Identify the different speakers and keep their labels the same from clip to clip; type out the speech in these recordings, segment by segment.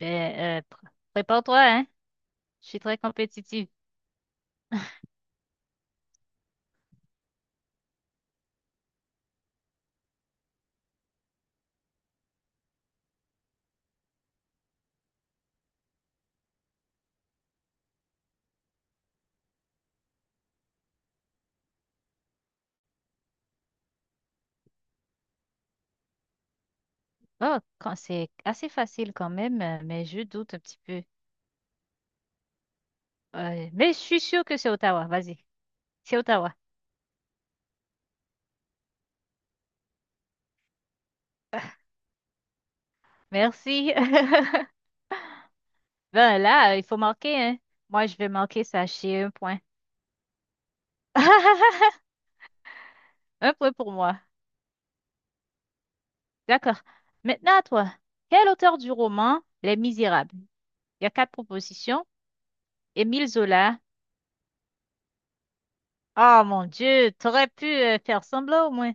Speaker 1: Ben, prépare-toi, hein. Je suis très compétitive. Oh, quand c'est assez facile quand même, mais je doute un petit peu. Mais je suis sûre que c'est Ottawa. Vas-y. C'est Ottawa. Merci. Ben là, il faut marquer, hein. Moi, je vais marquer ça chez un point. Un point pour moi. D'accord. Maintenant à toi. Quel auteur du roman Les Misérables? Il y a quatre propositions. Émile Zola. Oh mon Dieu, t'aurais pu faire semblant au moins.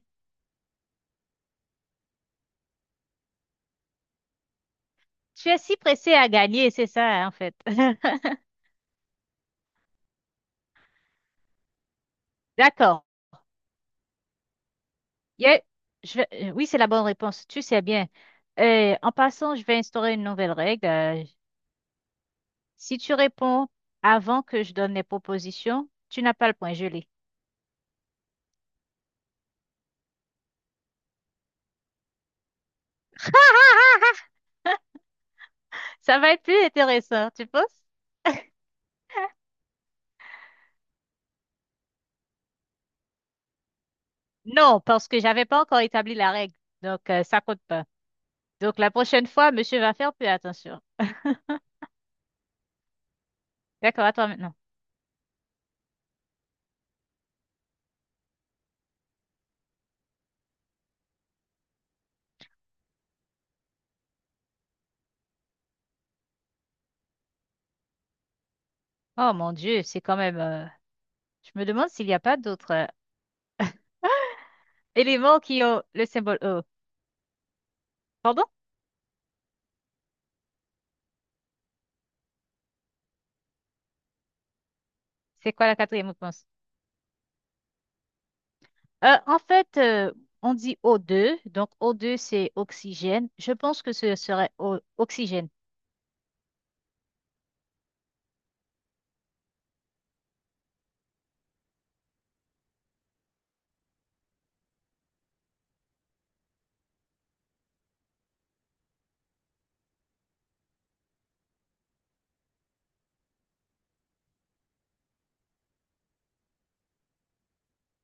Speaker 1: Tu es si pressé à gagner, c'est ça, hein, en fait. D'accord. Il y a- je vais- Oui, c'est la bonne réponse. Tu sais bien. En passant, je vais instaurer une nouvelle règle. Si tu réponds avant que je donne les propositions, tu n'as pas le point gelé. Ça va être plus intéressant, tu penses? Non, parce que j'avais pas encore établi la règle. Donc, ça compte pas. Donc, la prochaine fois, monsieur va faire plus attention. D'accord, à toi maintenant. Oh mon Dieu, c'est quand même. Je me demande s'il n'y a pas d'autres éléments qui ont le symbole O. Pardon? C'est quoi la quatrième réponse? En fait, on dit O2, donc O2 c'est oxygène. Je pense que ce serait oxygène.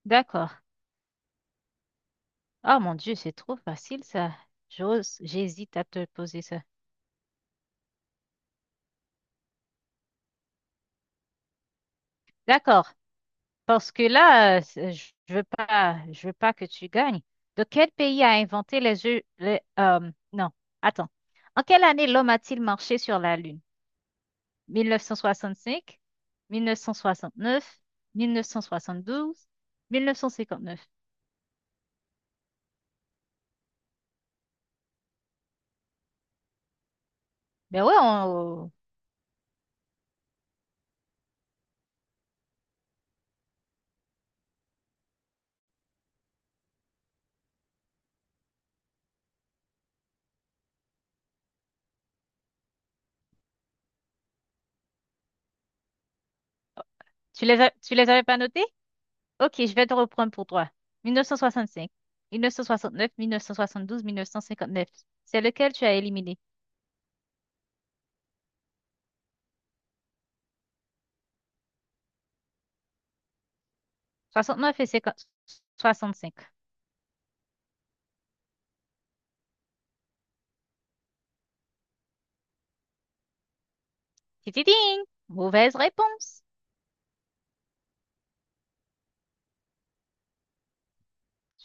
Speaker 1: D'accord. Oh mon Dieu, c'est trop facile ça. J'ose, j'hésite à te poser ça. D'accord. Parce que là, je veux pas, je veux pas que tu gagnes. De quel pays a inventé les yeux, les, non, attends. En quelle année l'homme a-t-il marché sur la Lune? 1965, 1969, 1972, 1959. Ben ouais, tu les avais pas notés? Ok, je vais te reprendre pour toi. 1965, 1969, 1972, 1959. C'est lequel tu as éliminé? 69 et 50, 65. Tititing! Mauvaise réponse.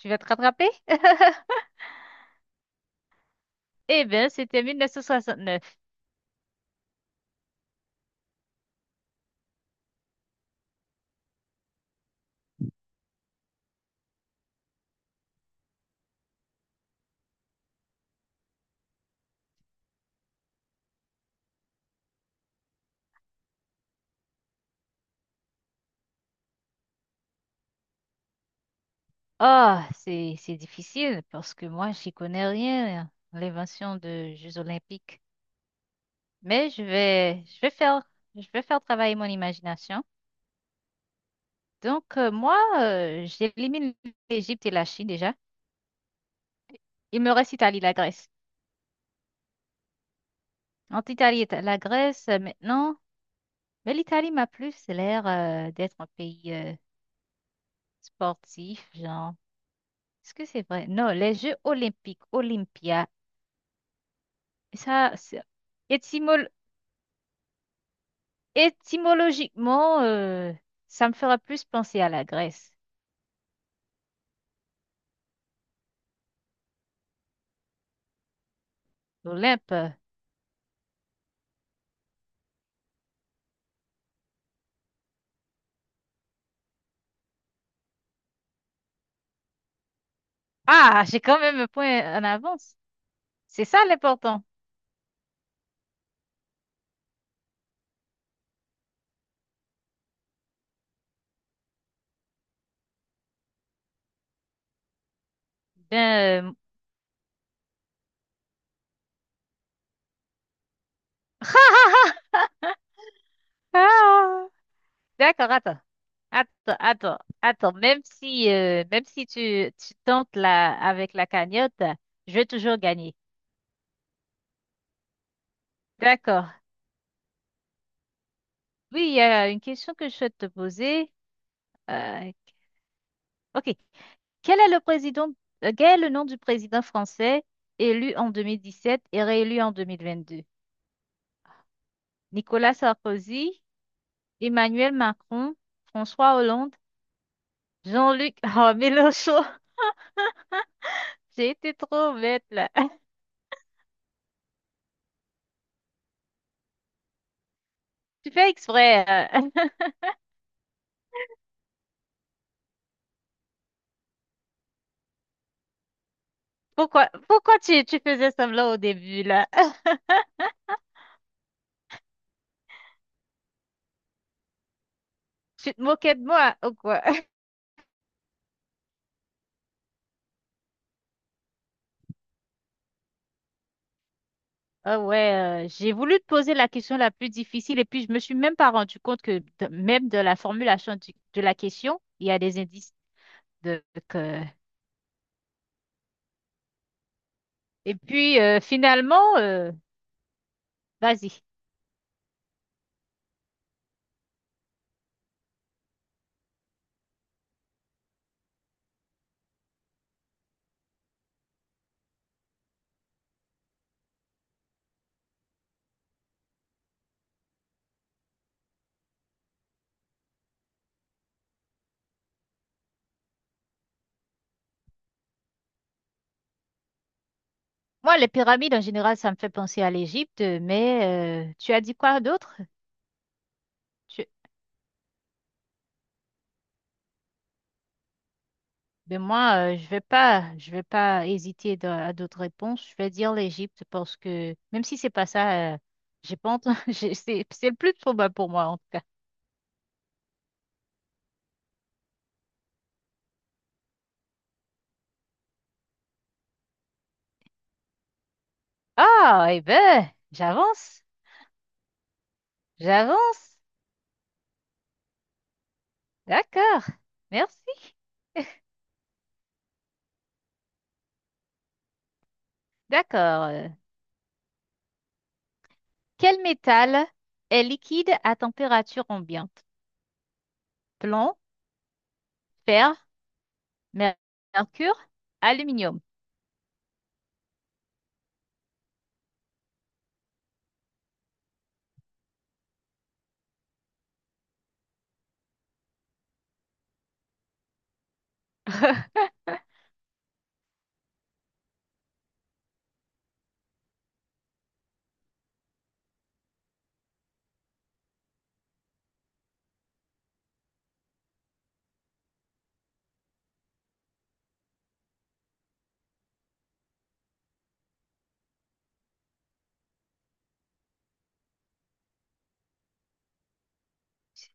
Speaker 1: Tu vas te rattraper? Eh bien, c'était 1969. Ah, c'est difficile parce que moi, j'y connais rien, hein, l'invention de Jeux olympiques. Mais je vais faire travailler mon imagination. Donc moi, j'élimine l'Égypte et la Chine déjà. Il me reste Italie, la Grèce. Entre Italie et la Grèce maintenant, mais l'Italie m'a plus l'air d'être un pays sportif, genre. Est-ce que c'est vrai? Non, les Jeux olympiques, Olympia, ça, étymologiquement Étymologiquement, ça me fera plus penser à la Grèce, l'Olympe. Ah, j'ai quand même un point en avance. C'est ça l'important. Ben, ah, d'accord, attends. Attends, attends, attends. Même si tu tentes là avec la cagnotte, je vais toujours gagner. D'accord. Oui, il y a une question que je souhaite te poser. Euh, ok. Quel est le président, quel est le nom du président français élu en 2017 et réélu en 2022? Nicolas Sarkozy, Emmanuel Macron, François Hollande, Jean-Luc oh, Mélenchon. J'ai été trop bête là. Tu fais exprès, hein. Pourquoi tu faisais semblant au début là? Tu te moquais de moi ou quoi? Ah ouais, j'ai voulu te poser la question la plus difficile et puis je me suis même pas rendu compte que même de la formulation de la question, il y a des indices. Donc, euh, et puis finalement, vas-y. Moi, les pyramides en général, ça me fait penser à l'Égypte, mais tu as dit quoi d'autre? Tu. Ben moi, je vais pas hésiter à d'autres réponses. Je vais dire l'Égypte parce que même si c'est pas ça, j'ai pas entendu. C'est le plus probable pour moi en tout cas. Ah, eh ben, j'avance, j'avance. D'accord. Merci. D'accord. Quel métal est liquide à température ambiante? Plomb, fer, mer- mercure, aluminium.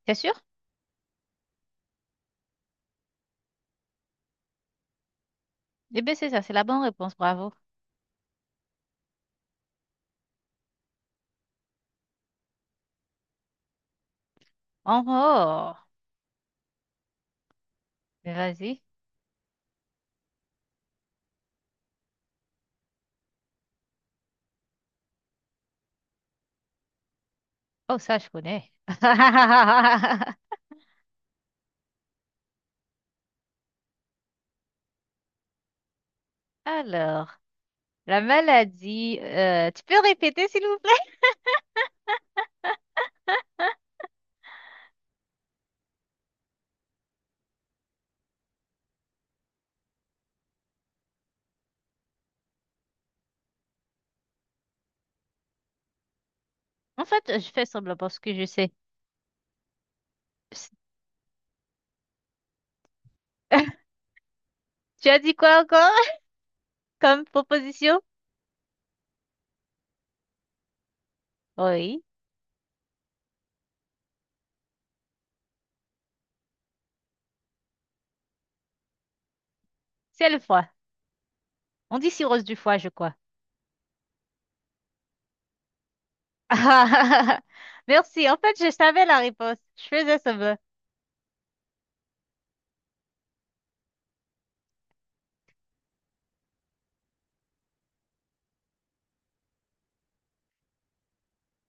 Speaker 1: C'est sûr? Eh bien, c'est ça, c'est la bonne réponse, bravo. Oh, oh, mais vas-y. Oh, ça, je connais. Alors, la maladie, tu peux répéter, s'il vous plaît? En fait, je fais semblant parce que je sais. Psst, tu as dit quoi encore comme proposition? Oui, c'est le foie. On dit cirrhose du foie, je crois. Merci. En fait, je savais la réponse. Je faisais semblant.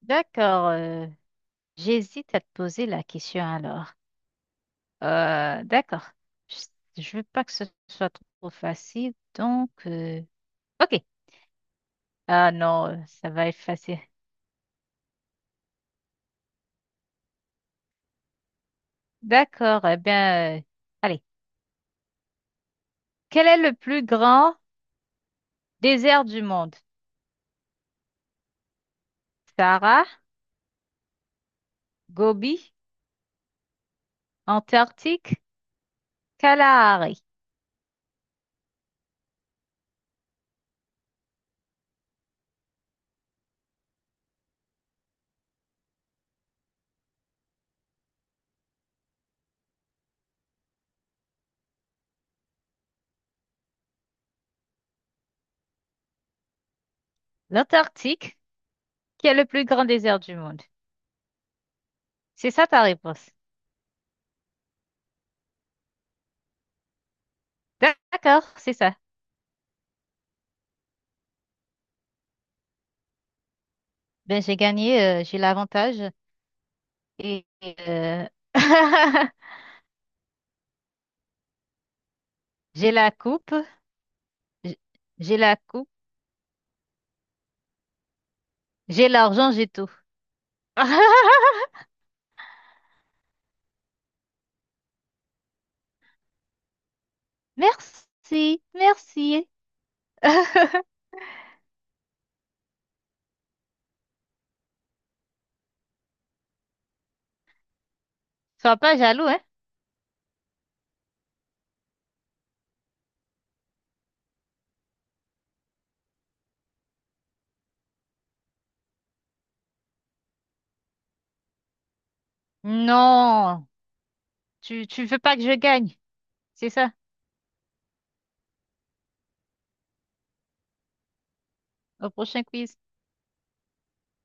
Speaker 1: D'accord. J'hésite à te poser la question alors. D'accord. Je veux pas que ce soit trop facile, donc ok. Ah non, ça va être facile. D'accord. Eh bien, allez. Quel est le plus grand désert du monde? Sahara, Gobi, Antarctique, Kalahari. L'Antarctique, qui est le plus grand désert du monde? C'est ça ta réponse. D'accord, c'est ça. Ben j'ai gagné, j'ai l'avantage et, J'ai la coupe, j- j'ai la coupe, j'ai l'argent, j'ai tout. Merci, merci. Sois pas jaloux, hein? Non, tu veux pas que je gagne, c'est ça, au prochain quiz.